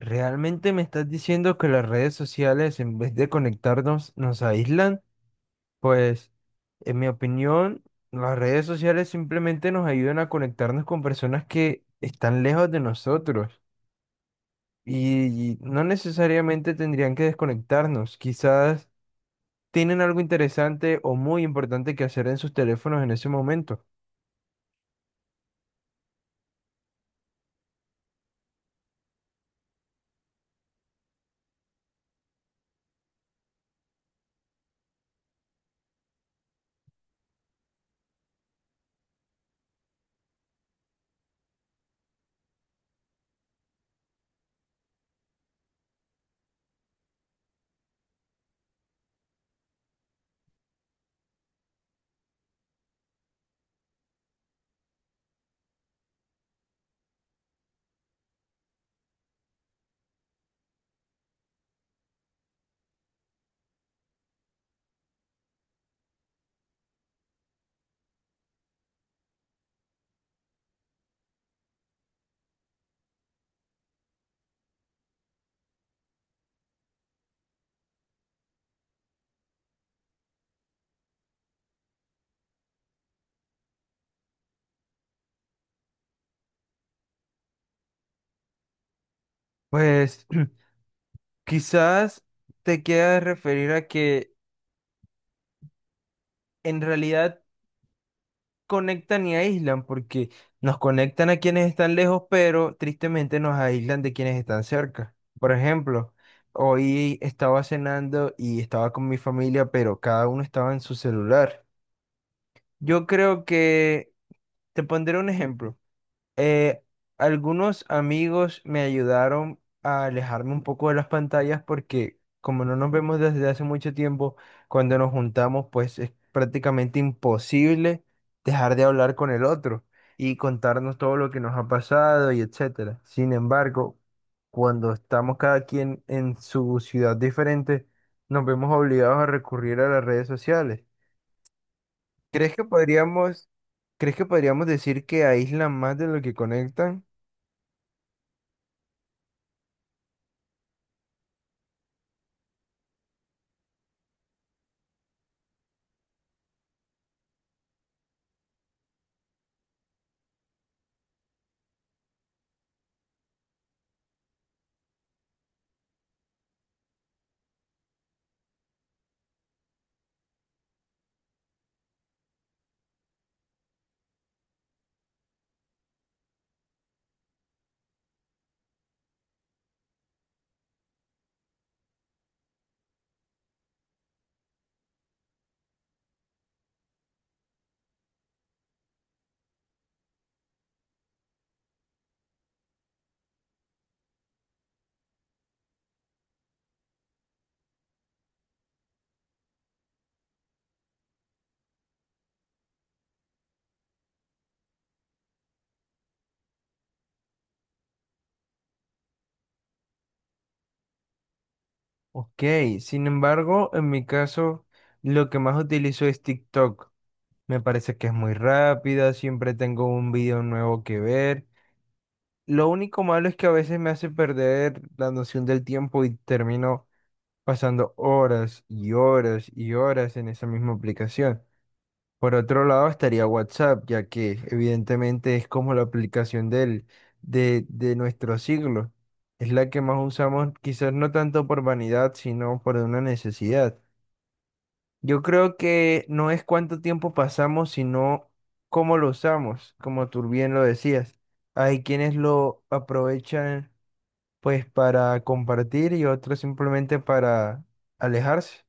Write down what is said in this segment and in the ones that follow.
¿Realmente me estás diciendo que las redes sociales, en vez de conectarnos, nos aíslan? Pues, en mi opinión, las redes sociales simplemente nos ayudan a conectarnos con personas que están lejos de nosotros y no necesariamente tendrían que desconectarnos. Quizás tienen algo interesante o muy importante que hacer en sus teléfonos en ese momento. Pues, quizás te quieras referir a que en realidad conectan y aíslan, porque nos conectan a quienes están lejos, pero tristemente nos aíslan de quienes están cerca. Por ejemplo, hoy estaba cenando y estaba con mi familia, pero cada uno estaba en su celular. Yo creo que, te pondré un ejemplo. Eh, Algunos amigos me ayudaron a alejarme un poco de las pantallas porque como no nos vemos desde hace mucho tiempo, cuando nos juntamos, pues es prácticamente imposible dejar de hablar con el otro y contarnos todo lo que nos ha pasado y etcétera. Sin embargo, cuando estamos cada quien en su ciudad diferente, nos vemos obligados a recurrir a las redes sociales. ¿Crees que podríamos, Crees que podríamos decir que aíslan más de lo que conectan? Ok, sin embargo, en mi caso, lo que más utilizo es TikTok. Me parece que es muy rápida, siempre tengo un video nuevo que ver. Lo único malo es que a veces me hace perder la noción del tiempo y termino pasando horas y horas y horas en esa misma aplicación. Por otro lado, estaría WhatsApp, ya que evidentemente es como la aplicación de nuestro siglo. Es la que más usamos, quizás no tanto por vanidad, sino por una necesidad. Yo creo que no es cuánto tiempo pasamos, sino cómo lo usamos, como tú bien lo decías. Hay quienes lo aprovechan pues para compartir y otros simplemente para alejarse.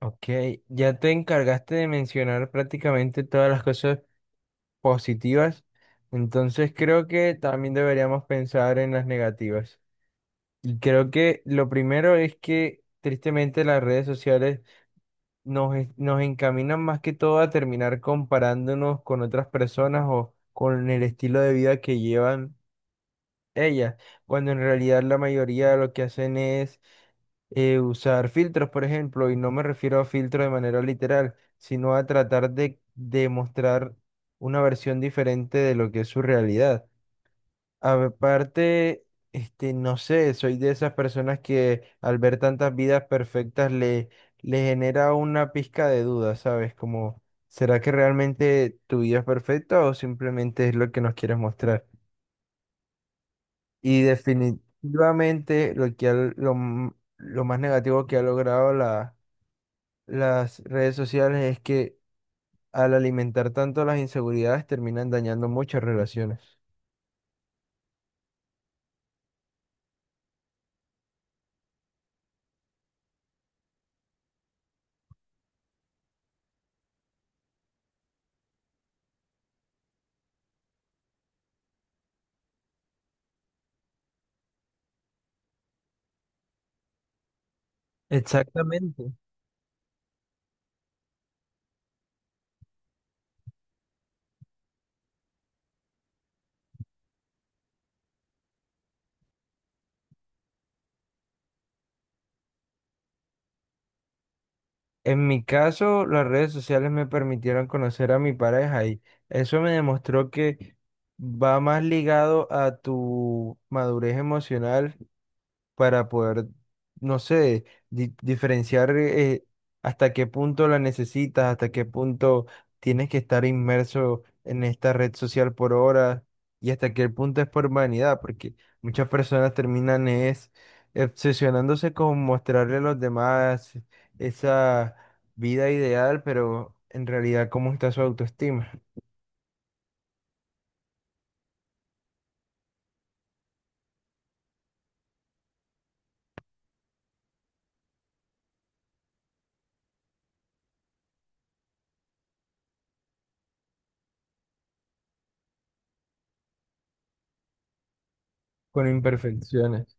Ok, ya te encargaste de mencionar prácticamente todas las cosas positivas, entonces creo que también deberíamos pensar en las negativas. Y creo que lo primero es que tristemente las redes sociales nos encaminan más que todo a terminar comparándonos con otras personas o con el estilo de vida que llevan ellas, cuando en realidad la mayoría lo que hacen es usar filtros, por ejemplo, y no me refiero a filtros de manera literal, sino a tratar de demostrar una versión diferente de lo que es su realidad. Aparte, este, no sé, soy de esas personas que al ver tantas vidas perfectas le genera una pizca de duda, ¿sabes? Como, ¿será que realmente tu vida es perfecta o simplemente es lo que nos quieres mostrar? Y definitivamente lo más negativo que ha logrado la- las redes sociales es que al alimentar tanto las inseguridades terminan dañando muchas relaciones. Exactamente. En mi caso, las redes sociales me permitieron conocer a mi pareja y eso me demostró que va más ligado a tu madurez emocional para poder, no sé, diferenciar hasta qué punto la necesitas, hasta qué punto tienes que estar inmerso en esta red social por horas y hasta qué punto es por vanidad, porque muchas personas terminan es obsesionándose con mostrarle a los demás esa vida ideal, pero en realidad cómo está su autoestima, con imperfecciones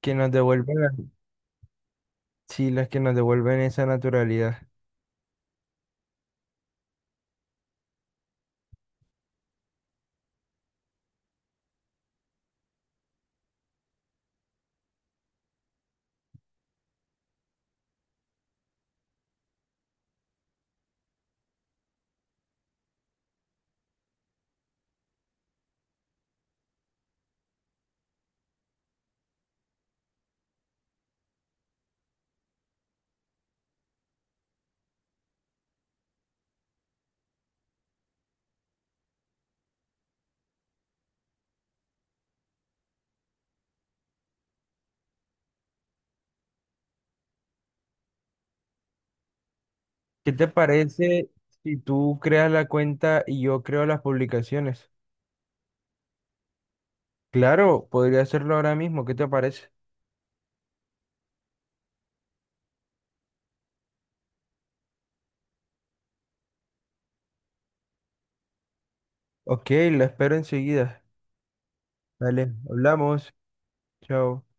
que nos devuelven, la- sí, las que nos devuelven esa naturalidad. ¿Qué te parece si tú creas la cuenta y yo creo las publicaciones? Claro, podría hacerlo ahora mismo. ¿Qué te parece? Ok, la espero enseguida. Dale, hablamos. Chao.